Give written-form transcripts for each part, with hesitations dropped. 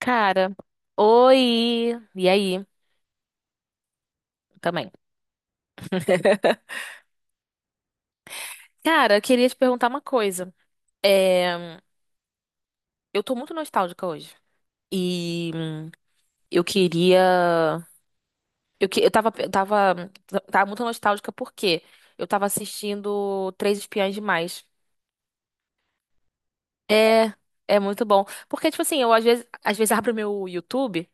Cara, oi! E aí? Também. Cara, eu queria te perguntar uma coisa. É, eu tô muito nostálgica hoje. E hum, eu queria. Eu tava muito nostálgica porque eu tava assistindo Três Espiãs Demais. É, é muito bom. Porque, tipo assim, eu às vezes abro meu YouTube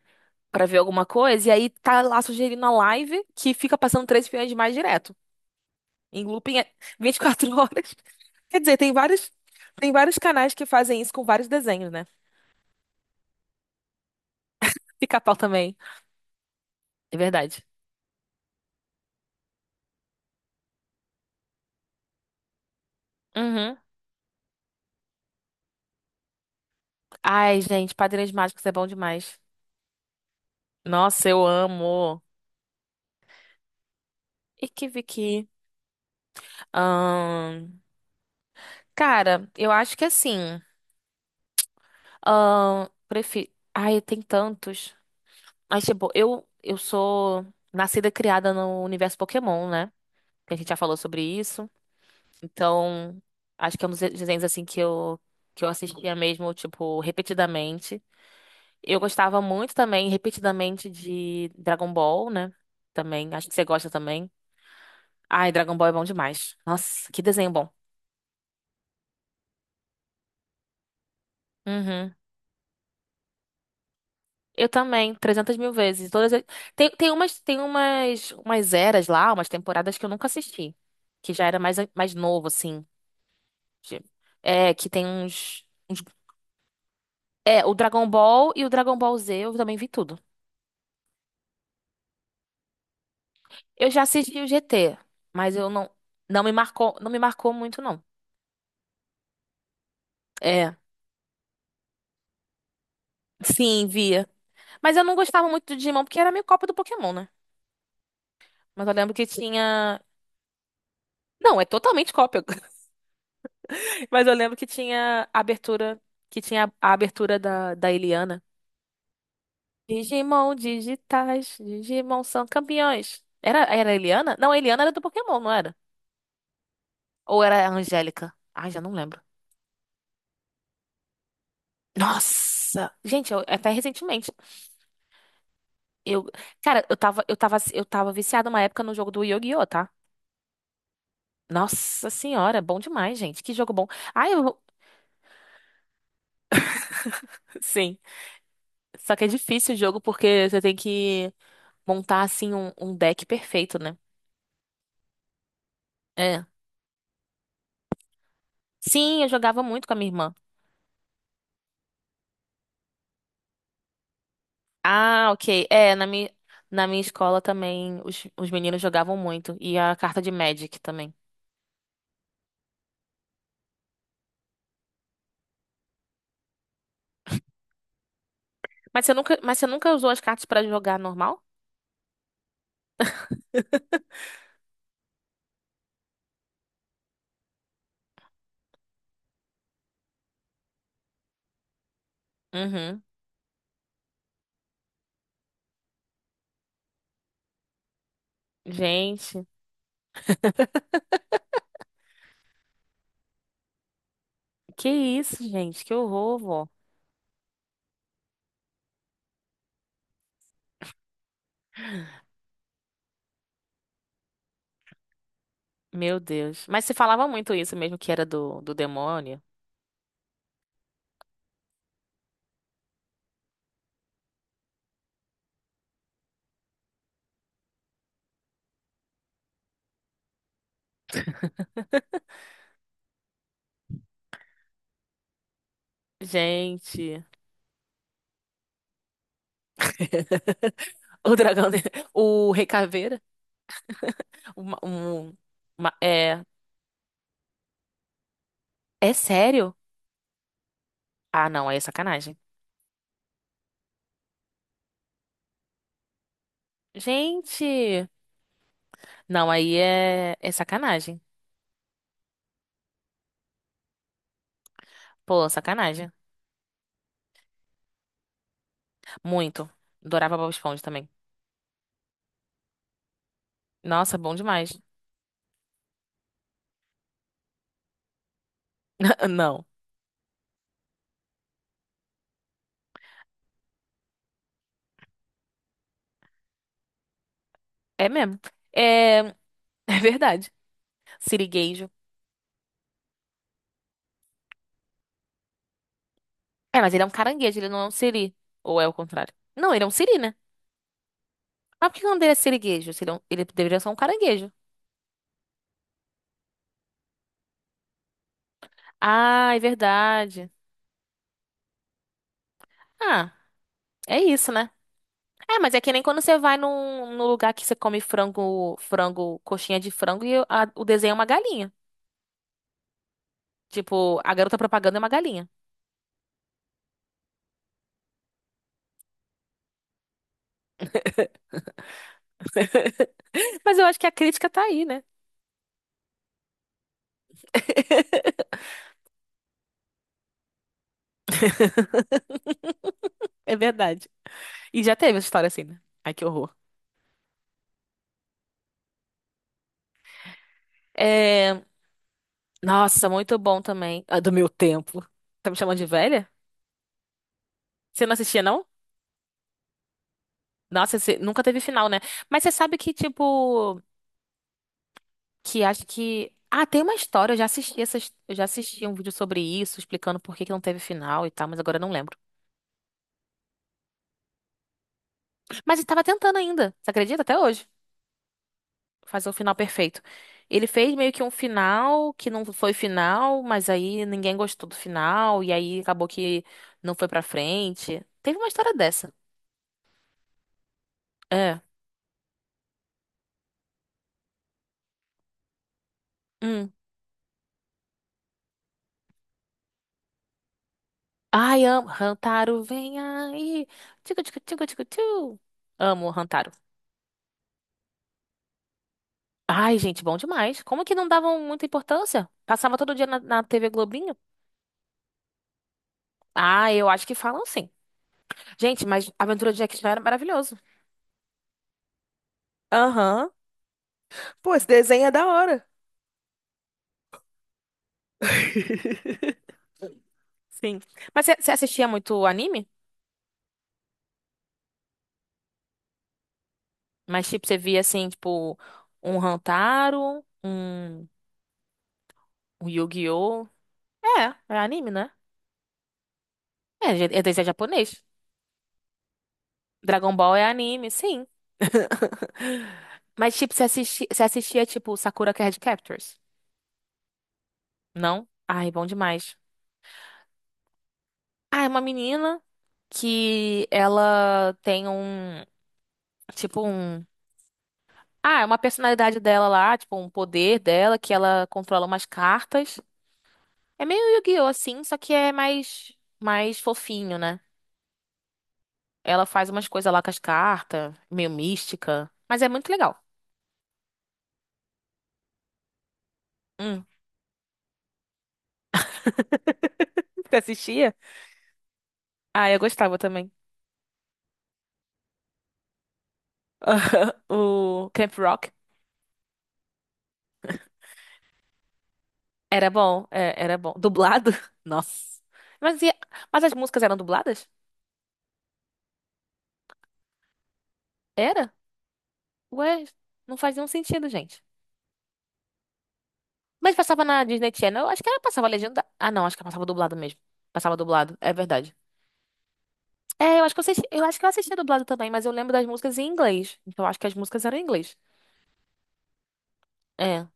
pra ver alguma coisa e aí tá lá sugerindo a live que fica passando Três Espiãs Demais direto. Em looping é vinte e quatro horas. Quer dizer, tem vários canais que fazem isso com vários desenhos, né? Pica-pau também. É verdade. Uhum. Ai, gente, Padrinhos Mágicos é bom demais. Nossa, eu amo. Iki Viki. Ahn, cara, eu acho que assim. Ai, tem tantos. Mas, tipo, eu sou nascida e criada no universo Pokémon, né? Que a gente já falou sobre isso. Então, acho que é um dos desenhos assim que eu assistia mesmo, tipo, repetidamente. Eu gostava muito também, repetidamente, de Dragon Ball, né? Também, acho que você gosta também. Ai, Dragon Ball é bom demais. Nossa, que desenho bom. Uhum. Eu também, 300 mil vezes. Tem, umas eras lá, umas temporadas que eu nunca assisti. Que já era mais novo, assim. de- É, que uns. É, o Dragon Ball e o Dragon Ball Z, eu também vi tudo. Eu já assisti o GT, mas eu não, não me marcou, não me marcou muito, não. É, sim, via. Mas eu não gostava muito do Digimon porque era meio cópia do Pokémon, né? Mas eu lembro que tinha. Não, é totalmente cópia. Mas eu lembro que tinha a abertura, que tinha a abertura da Eliana. Digimon digitais, Digimon são campeões. Era a Eliana? Não, a Eliana era do Pokémon, não era? Ou era a Angélica? Ai, já não lembro. Nossa! Até recentemente. Eu, cara, eu tava viciada uma época no jogo do Yu-Gi-Oh, tá? Nossa senhora, bom demais, gente. Que jogo bom. Ah, eu... Sim. Só que é difícil o jogo porque você tem que montar, assim, um deck perfeito, né? É. Sim, eu jogava muito com a minha irmã. Ah, ok. É, na minha escola também os meninos jogavam muito. E a carta de Magic também. Mas você nunca usou as cartas pra jogar normal? Uhum. Gente, que isso, gente? Que horror, vó. Meu Deus. Mas se falava muito isso mesmo, que era do demônio. Gente, o dragão, de- o Rei Caveira. Uma, um, é, é sério? Ah, não, aí é sacanagem. Gente, não, aí é, é sacanagem. Pô, sacanagem. Muito. Adorava Bob Esponja também. Nossa, bom demais. Não, é mesmo. É, é verdade. Sirigueijo. É, mas ele é um caranguejo, ele não é um siri. Ou é o contrário? Não, ele é um siri, né? Mas por que que não deveria ser siriguejo? Se Ele, é um- ele deveria ser um caranguejo. Ah, é verdade. Ah, é isso, né? É, mas é que nem quando você vai num lugar que você come frango, coxinha de frango e o desenho é uma galinha. Tipo, a garota propaganda é uma galinha. Mas eu acho que a crítica tá aí, né? É verdade. E já teve essa história assim, né? Ai, que horror. É... Nossa, muito bom também. Ah, do meu tempo. Tá me chamando de velha? Você não assistia, não? Nossa, você nunca teve final, né? Mas você sabe que, tipo. Que acho que. Ah, tem uma história, eu já assisti um vídeo sobre isso, explicando por que que não teve final e tal, mas agora eu não lembro. Mas ele tava tentando ainda, você acredita? Até hoje, fazer o final perfeito. Ele fez meio que um final que não foi final, mas aí ninguém gostou do final, e aí acabou que não foi pra frente. Teve uma história dessa. É. Hum. Ai, amo. Hantaro, vem aí. Tio. Amo o Hantaro. Ai, gente, bom demais. Como que não davam muita importância? Passava todo dia na TV Globinho? Ah, eu acho que falam sim. Gente, mas Aventura de Jack Chan era maravilhoso. Aham. Pô, esse desenho é da hora. Sim. Mas você assistia muito anime? Mas, tipo, você via, assim, tipo, um Hantaro, um, um Yu-Gi-Oh! É, é anime, né? É é desenho japonês. Dragon Ball é anime, sim. Você assistia, tipo, Sakura Card Captors? Não? Ai, bom demais. Ah, é uma menina que ela tem tipo um, ah, é uma personalidade dela lá, tipo um poder dela que ela controla umas cartas. É meio Yu-Gi-Oh assim, só que é mais fofinho, né? Ela faz umas coisas lá com as cartas, meio mística, mas é muito legal. Hum. Você assistia? Ah, eu gostava também. O Camp Rock era bom, é, era bom. Dublado? Nossa. Mas, e- mas as músicas eram dubladas? Era? Ué, não faz nenhum sentido, gente. Mas passava na Disney Channel, eu acho que ela passava legenda. Ah, não, acho que ela passava dublado mesmo. Passava dublado, é verdade. É, eu acho que eu assistia dublado também, mas eu lembro das músicas em inglês. Então eu acho que as músicas eram em inglês. É.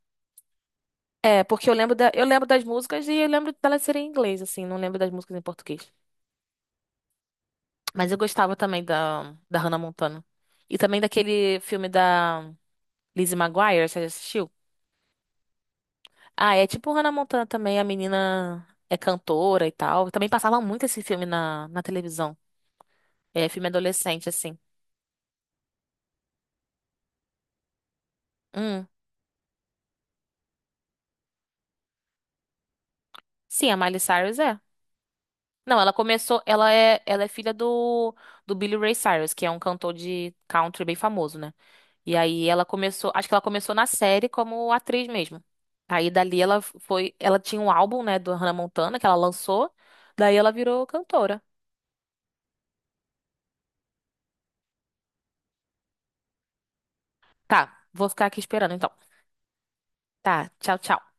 É, porque eu lembro das músicas e eu lembro delas serem em inglês, assim, não lembro das músicas em português. Mas eu gostava também da Hannah Montana. E também daquele filme da Lizzie McGuire, você já assistiu? Ah, é tipo Hannah Montana também, a menina é cantora e tal. Também passava muito esse filme na televisão. É filme adolescente, assim. Hum. Sim, a Miley Cyrus é. Não, ela começou. Ela é filha do Billy Ray Cyrus, que é um cantor de country bem famoso, né? E aí ela começou. Acho que ela começou na série como atriz mesmo. Aí dali ela foi. Ela tinha um álbum, né, do Hannah Montana que ela lançou. Daí ela virou cantora. Tá, vou ficar aqui esperando então. Tá, tchau, tchau.